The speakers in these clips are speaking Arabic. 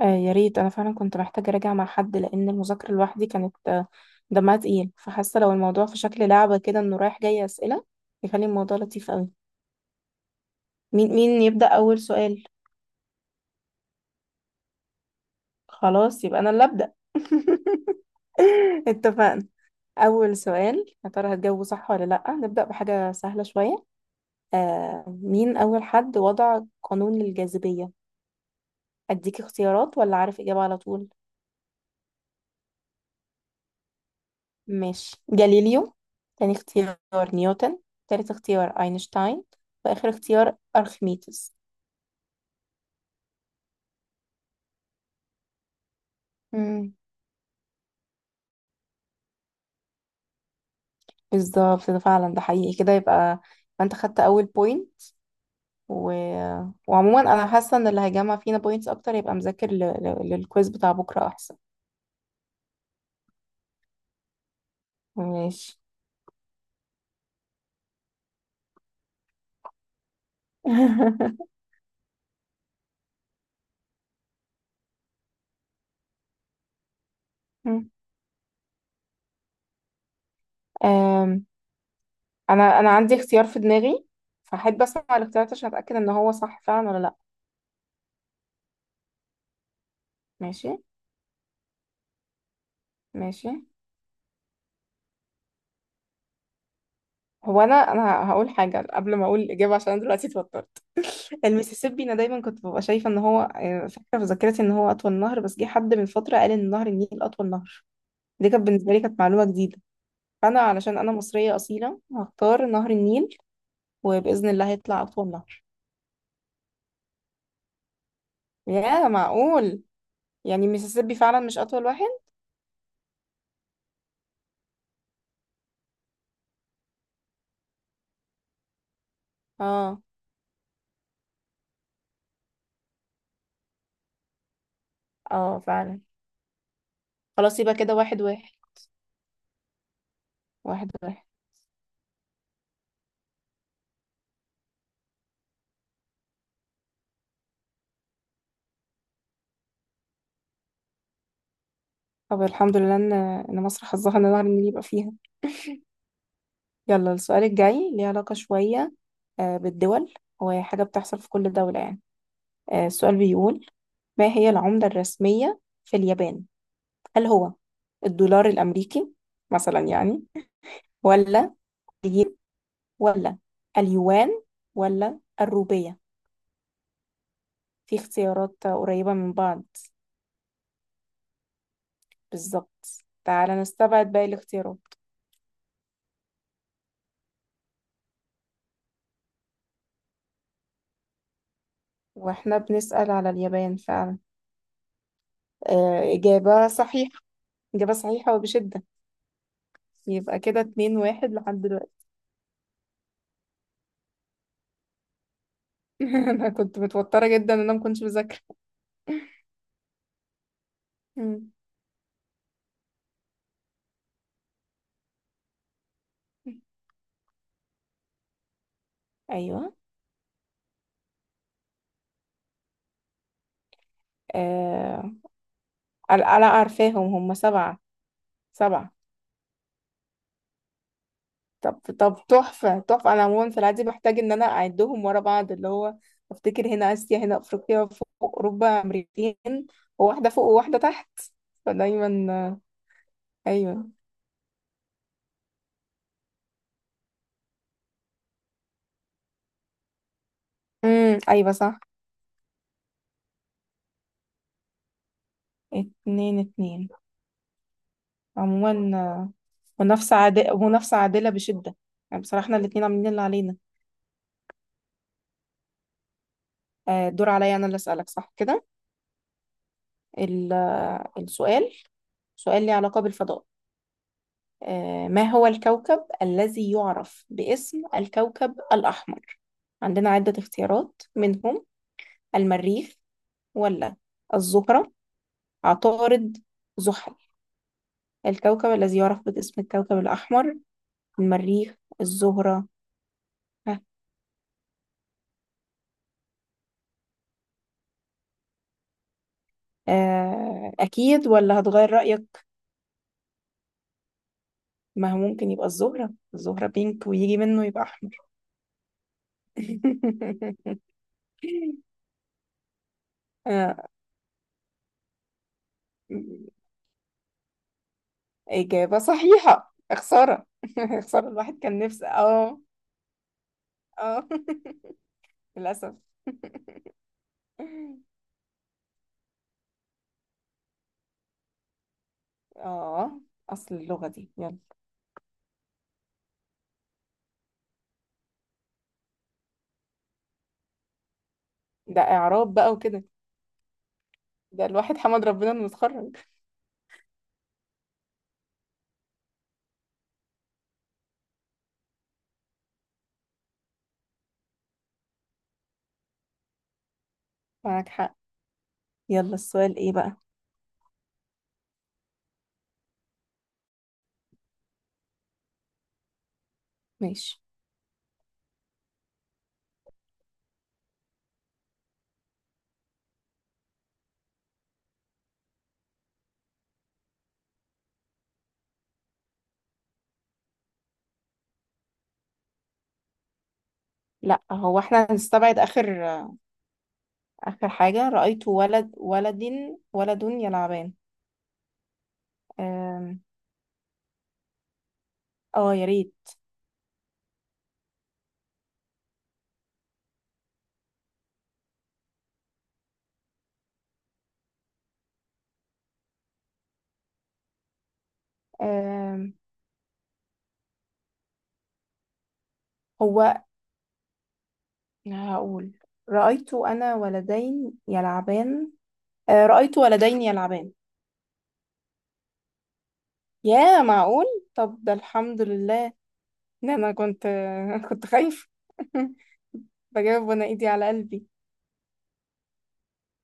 آه، يا ريت انا فعلا كنت محتاجه اراجع مع حد لان المذاكره لوحدي كانت دمها تقيل، فحاسه لو الموضوع في شكل لعبه كده انه رايح جاي اسئله يخلي الموضوع لطيف قوي. مين يبدا اول سؤال؟ خلاص يبقى انا اللي ابدا. اتفقنا. اول سؤال يا ترى هتجاوبه صح ولا لا؟ نبدا بحاجه سهله شويه. مين اول حد وضع قانون للجاذبيه؟ اديك اختيارات ولا عارف اجابه على طول؟ ماشي، جاليليو. تاني اختيار، نيوتن. تالت اختيار، اينشتاين. واخر اختيار، ارخميدس. مم. بالظبط، ده فعلا، ده حقيقي كده. يبقى انت خدت اول بوينت. و... وعموما انا حاسه ان اللي هيجمع فينا بوينتس اكتر يبقى مذاكر للكويز بتاع بكره احسن. ماشي. أم... انا عندي اختيار في دماغي، فاحب اسمع الاختيارات عشان اتاكد ان هو صح فعلا ولا لا. ماشي ماشي. هو انا هقول حاجه قبل ما اقول الاجابه عشان انا دلوقتي اتوترت. المسيسيبي، انا دايما كنت ببقى شايفه ان هو، فاكره في ذاكرتي ان هو اطول نهر، بس جه حد من فتره قال ان نهر النيل اطول نهر. دي كانت بالنسبه لي كانت معلومه جديده. فانا علشان انا مصريه اصيله هختار نهر النيل، وباذن الله هيطلع اطول نهر. يا معقول. يعني المسيسيبي فعلا مش اطول واحد. اه. اه فعلا. خلاص، يبقى كده 1-1. 1-1. طب الحمد لله ان مصر حظها ان نهر النيل يبقى فيها. يلا، السؤال الجاي ليه علاقة شوية بالدول، هو حاجة بتحصل في كل دولة يعني. السؤال بيقول: ما هي العملة الرسمية في اليابان؟ هل هو الدولار الأمريكي مثلا يعني، ولا الين، ولا اليوان، ولا الروبية؟ في اختيارات قريبة من بعض. بالظبط. تعالى نستبعد باقي الاختيارات. واحنا بنسأل على اليابان فعلا. إجابة صحيحة، إجابة صحيحة وبشدة. يبقى كده 2-1 لحد دلوقتي. انا كنت متوترة جدا ان انا ما كنتش بذاكر. مم. ايوه. آه... لا لا، عارفاهم، هم سبعة. سبعة. طب. طب تحفة تحفة. أنا عموما في العادي بحتاج إن أنا أعدهم ورا بعض، اللي هو أفتكر هنا آسيا، هنا أفريقيا، فوق أوروبا، أمريكتين، وواحدة فوق وواحدة تحت. فدايما أيوة. أيوة، صح. 2-2. عموما، آه، منافسة عادلة، منافسة عادلة بشدة. يعني بصراحة احنا الاتنين عاملين اللي علينا. دور عليا انا اللي اسألك، صح كده؟ ال- السؤال، سؤال ليه علاقة بالفضاء. ما هو الكوكب الذي يعرف باسم الكوكب الأحمر؟ عندنا عدة اختيارات منهم: المريخ، ولا الزهرة، عطارد، زحل. الكوكب الذي يعرف باسم الكوكب الأحمر، المريخ، الزهرة. ها، أكيد ولا هتغير رأيك؟ ما هو ممكن يبقى الزهرة، الزهرة بينك ويجي منه يبقى أحمر. آه، إجابة صحيحة. خسارة. خسارة، الواحد كان نفسه. اه. اه. للأسف. اه. أصل اللغة دي، يلا. ده إعراب بقى وكده، ده الواحد حمد ربنا إنه اتخرج. معاك حق. يلا، السؤال إيه بقى؟ ماشي. لا هو احنا هنستبعد آخر، آخر حاجة: رأيت ولد يلعبان. آم، اه، يا ريت. آم، هو هقول رأيت أنا ولدين يلعبان. رأيت ولدين يلعبان. يا معقول. طب ده الحمد لله ان انا كنت كنت خايفة. بجاوب وانا ايدي على قلبي.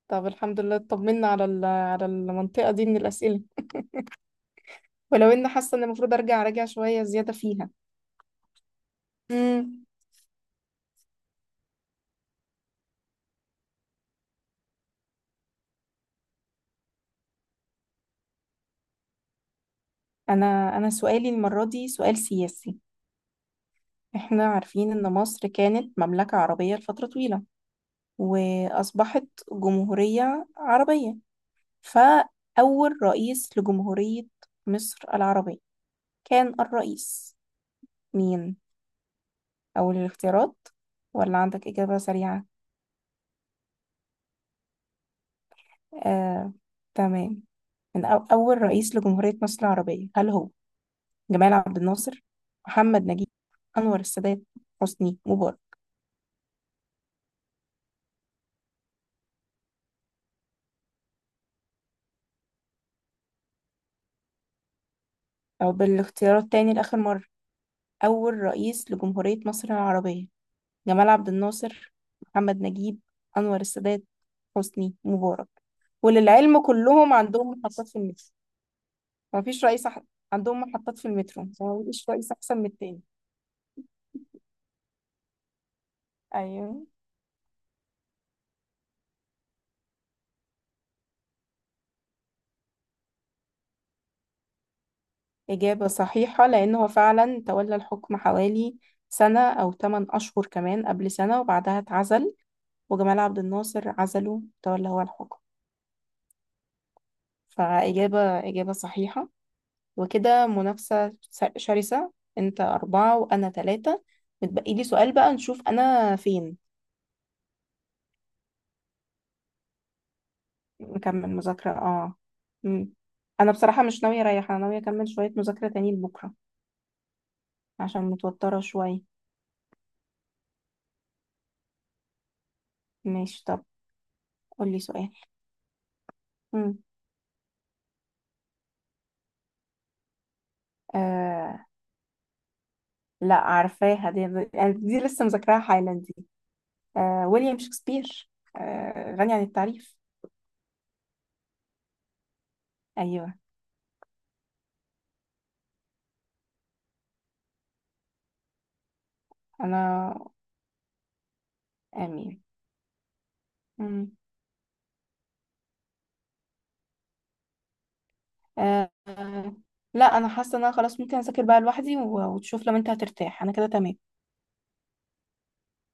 طب الحمد لله اطمنا على على المنطقة دي من الأسئلة، ولو اني حاسة ان المفروض ارجع راجع شوية زيادة فيها. مم. انا سؤالي المرة دي سؤال سياسي. احنا عارفين ان مصر كانت مملكة عربية لفترة طويلة، واصبحت جمهورية عربية. فأول رئيس لجمهورية مصر العربية كان الرئيس مين؟ أول الاختيارات ولا عندك إجابة سريعة؟ آه، تمام. من أو أول رئيس لجمهورية مصر العربية، هل هو جمال عبد الناصر، محمد نجيب، أنور السادات، حسني مبارك؟ أو بالاختيارات تاني لآخر مرة: أول رئيس لجمهورية مصر العربية، جمال عبد الناصر، محمد نجيب، أنور السادات، حسني مبارك. وللعلم كلهم عندهم محطات في المترو. مفيش رئيس أح- عندهم محطات في المترو، مفيش رئيس أحسن من التاني. أيوه، إجابة صحيحة لأن هو فعلا تولى الحكم حوالي سنة أو 8 أشهر، كمان قبل سنة وبعدها اتعزل، وجمال عبد الناصر عزله، تولى هو الحكم. فإجابة صحيحة. وكده منافسة شرسة. أنت أربعة وأنا تلاتة. متبقي لي سؤال بقى، نشوف أنا فين. نكمل مذاكرة مم. أنا بصراحة مش ناوية أريح، أنا ناوية أكمل شوية مذاكرة تاني لبكرة عشان متوترة شوية. ماشي، طب قولي سؤال. مم. آه، لا عارفاها دي، يعني دي لسه مذاكراها حالا دي. آه، ويليام شكسبير. آه، غني عن التعريف. ايوه. انا. امين. مم. آه آه، لا، انا حاسه ان انا خلاص ممكن اذاكر بقى لوحدي وتشوف، لو انت هترتاح انا كده تمام.